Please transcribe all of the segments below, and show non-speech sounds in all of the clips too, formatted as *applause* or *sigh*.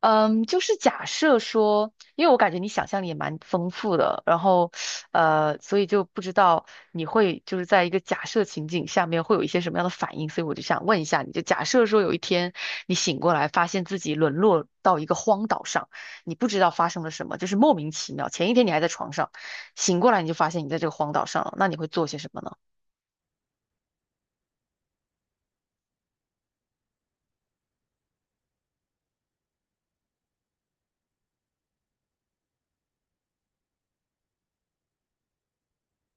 嗯，就是假设说，因为我感觉你想象力也蛮丰富的，然后，所以就不知道你会就是在一个假设情景下面会有一些什么样的反应，所以我就想问一下你，就假设说有一天你醒过来，发现自己沦落到一个荒岛上，你不知道发生了什么，就是莫名其妙，前一天你还在床上，醒过来你就发现你在这个荒岛上了，那你会做些什么呢？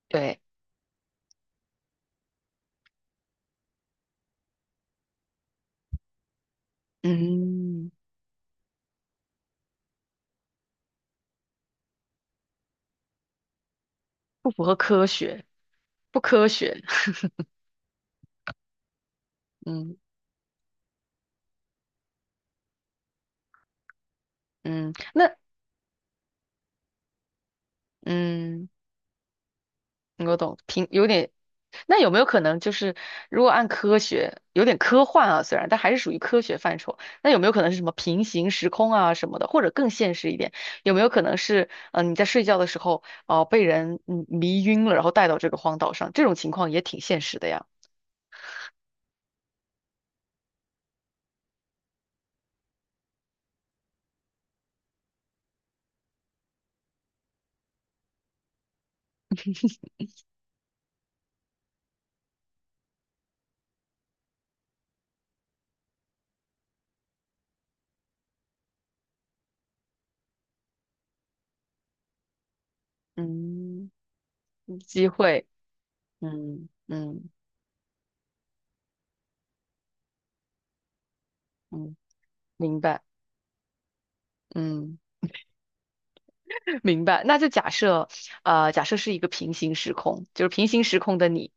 对。嗯，不符合科学，不科学。*laughs* 嗯嗯。那嗯。我懂，平有点。那有没有可能就是，如果按科学，有点科幻啊，虽然，但还是属于科学范畴。那有没有可能是什么平行时空啊什么的，或者更现实一点，有没有可能是，嗯、你在睡觉的时候，哦、被人迷晕了，然后带到这个荒岛上，这种情况也挺现实的呀。嗯，机会，嗯嗯嗯，明白，嗯。明白，那就假设，假设是一个平行时空，就是平行时空的你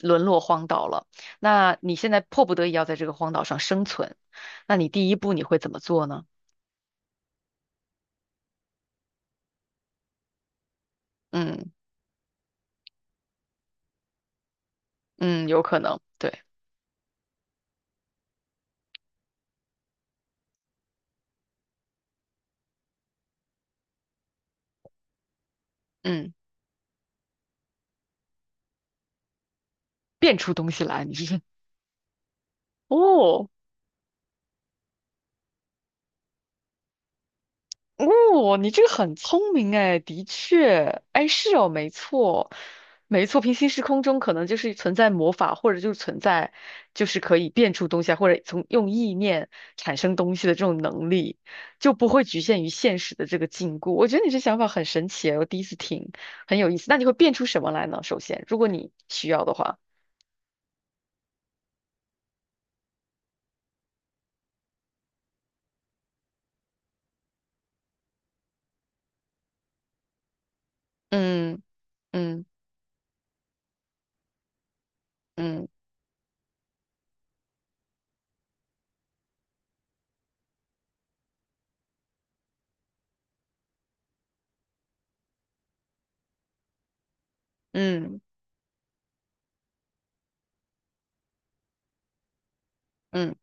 沦落荒岛了，那你现在迫不得已要在这个荒岛上生存，那你第一步你会怎么做呢？嗯嗯，有可能，对，嗯，变出东西来，你是 *laughs* 哦。哦，你这个很聪明哎，的确，哎，是哦，没错，没错，平行时空中可能就是存在魔法，或者就是存在，就是可以变出东西啊，或者从用意念产生东西的这种能力，就不会局限于现实的这个禁锢。我觉得你这想法很神奇哎我第一次听，很有意思。那你会变出什么来呢？首先，如果你需要的话，嗯嗯嗯嗯嗯，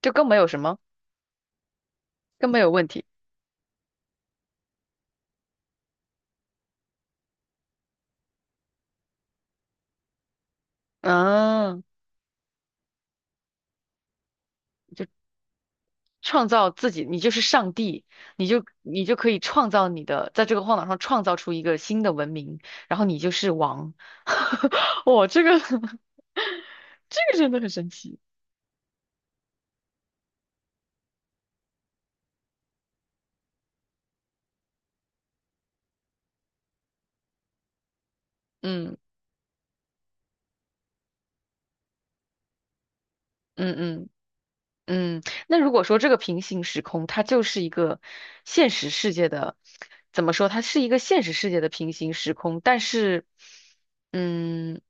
就更没有什么，更没有问题。啊，就创造自己，你就是上帝，你就可以创造你的，在这个荒岛上创造出一个新的文明，然后你就是王。*laughs* 哇，这个 *laughs* 这个真的很神奇。嗯嗯嗯。嗯，那如果说这个平行时空，它就是一个现实世界的，怎么说？它是一个现实世界的平行时空，但是，嗯，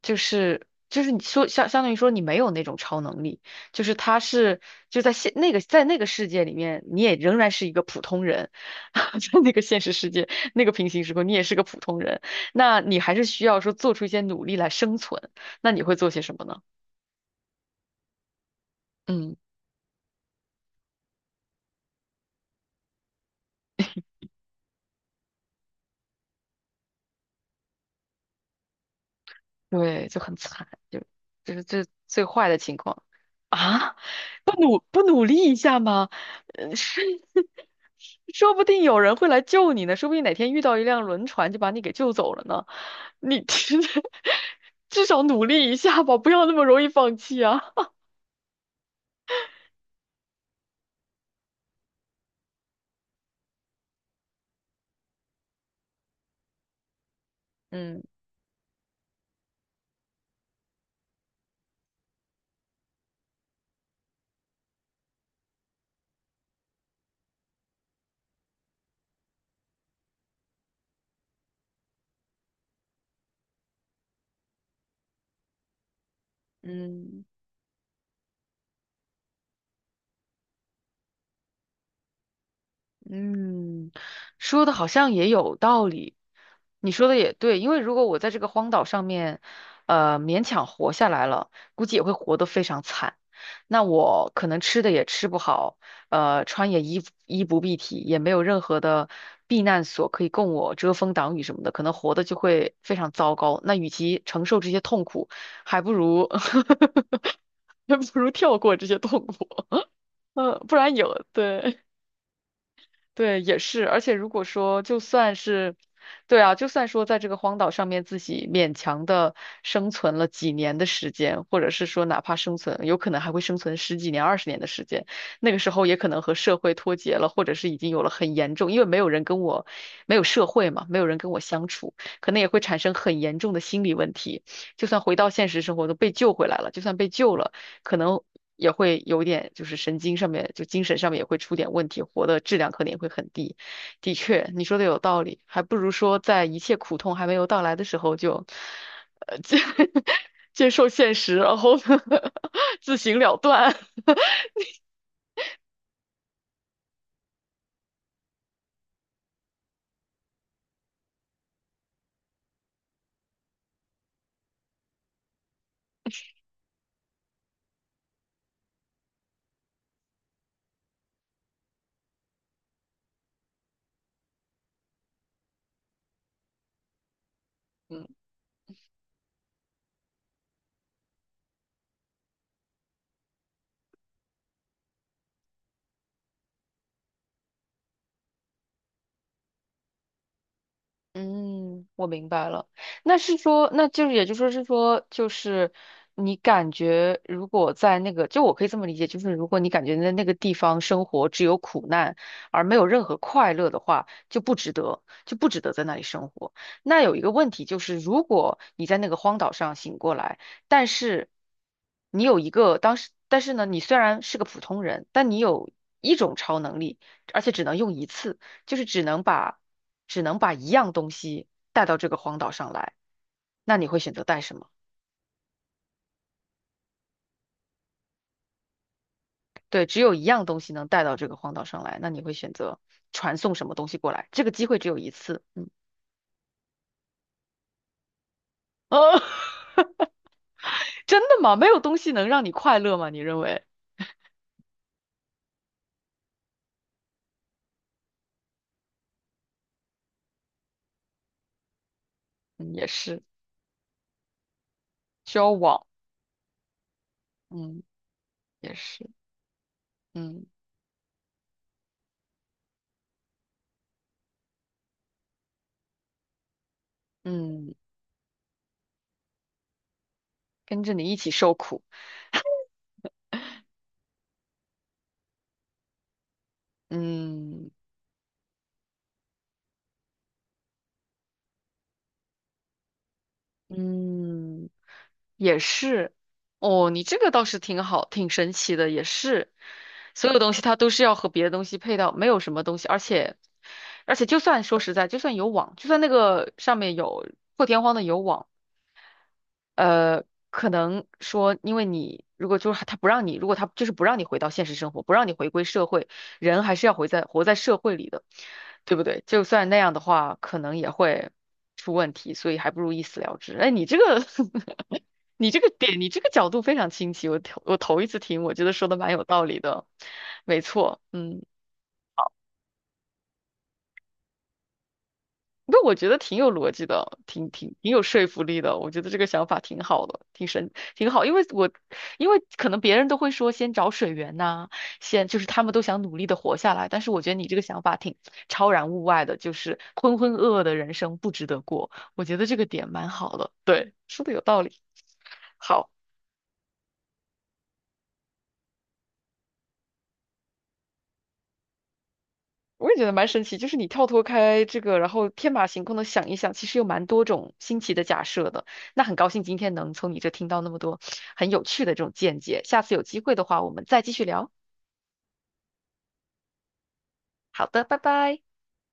就是你说相当于说你没有那种超能力，就是他是就在现那个在那个世界里面，你也仍然是一个普通人。*laughs* 在那个现实世界那个平行时空，你也是个普通人，那你还是需要说做出一些努力来生存，那你会做些什么呢？嗯。对，就很惨，就是最最坏的情况啊！不努力一下吗？呃是，*laughs* 说不定有人会来救你呢，说不定哪天遇到一辆轮船就把你给救走了呢。你 *laughs* 至少努力一下吧，不要那么容易放弃啊！*laughs* 嗯嗯。嗯，说的好像也有道理，你说的也对，因为如果我在这个荒岛上面，呃，勉强活下来了，估计也会活得非常惨。那我可能吃的也吃不好，呃，穿也衣不蔽体，也没有任何的避难所可以供我遮风挡雨什么的，可能活的就会非常糟糕。那与其承受这些痛苦，还不如 *laughs* 还不如跳过这些痛苦，*laughs* 呃，不然有，对。对，也是，而且如果说就算是，对啊，就算说在这个荒岛上面自己勉强的生存了几年的时间，或者是说哪怕生存，有可能还会生存十几年、二十年的时间，那个时候也可能和社会脱节了，或者是已经有了很严重，因为没有人跟我，没有社会嘛，没有人跟我相处，可能也会产生很严重的心理问题。就算回到现实生活，都被救回来了，就算被救了。可能也会有点就是神经上面就精神上面也会出点问题，活的质量可能也会很低。的确，你说的有道理，还不如说在一切苦痛还没有到来的时候就，呃，接 *laughs* 接受现实，然后呢 *laughs* 自行了断。*laughs* 嗯，嗯，我明白了。那是说，那就是也就说是说，就是你感觉如果在那个，就我可以这么理解，就是如果你感觉在那个地方生活只有苦难而没有任何快乐的话，就不值得，就不值得在那里生活。那有一个问题就是，如果你在那个荒岛上醒过来，但是你有一个当时，但是呢，你虽然是个普通人，但你有一种超能力，而且只能用一次。就是只能把一样东西带到这个荒岛上来，那你会选择带什么？对，只有一样东西能带到这个荒岛上来，那你会选择传送什么东西过来？这个机会只有一次，嗯，哦，*laughs* 真的吗？没有东西能让你快乐吗？你认为？嗯，也是，交往，嗯，也是，嗯嗯，跟着你一起受苦，嗯。嗯，也是。哦，你这个倒是挺好，挺神奇的，也是。所有东西它都是要和别的东西配套，没有什么东西，而且，而且就算说实在，就算有网，就算那个上面有破天荒的有网。呃，可能说，因为你如果他就是不让你回到现实生活，不让你回归社会，人还是要回在活在社会里的，对不对？就算那样的话，可能也会出问题，所以还不如一死了之。哎，你这个，*laughs* 你这个点，你这个角度非常清晰，我头一次听，我觉得说的蛮有道理的，没错，嗯。不，我觉得挺有逻辑的，挺有说服力的。我觉得这个想法挺好的，挺好。因为可能别人都会说先找水源呐、就是他们都想努力的活下来。但是我觉得你这个想法挺超然物外的，就是浑浑噩噩的人生不值得过。我觉得这个点蛮好的，对，说的有道理。好。我也觉得蛮神奇，就是你跳脱开这个，然后天马行空的想一想，其实有蛮多种新奇的假设的。那很高兴今天能从你这听到那么多很有趣的这种见解，下次有机会的话，我们再继续聊。好的，拜拜。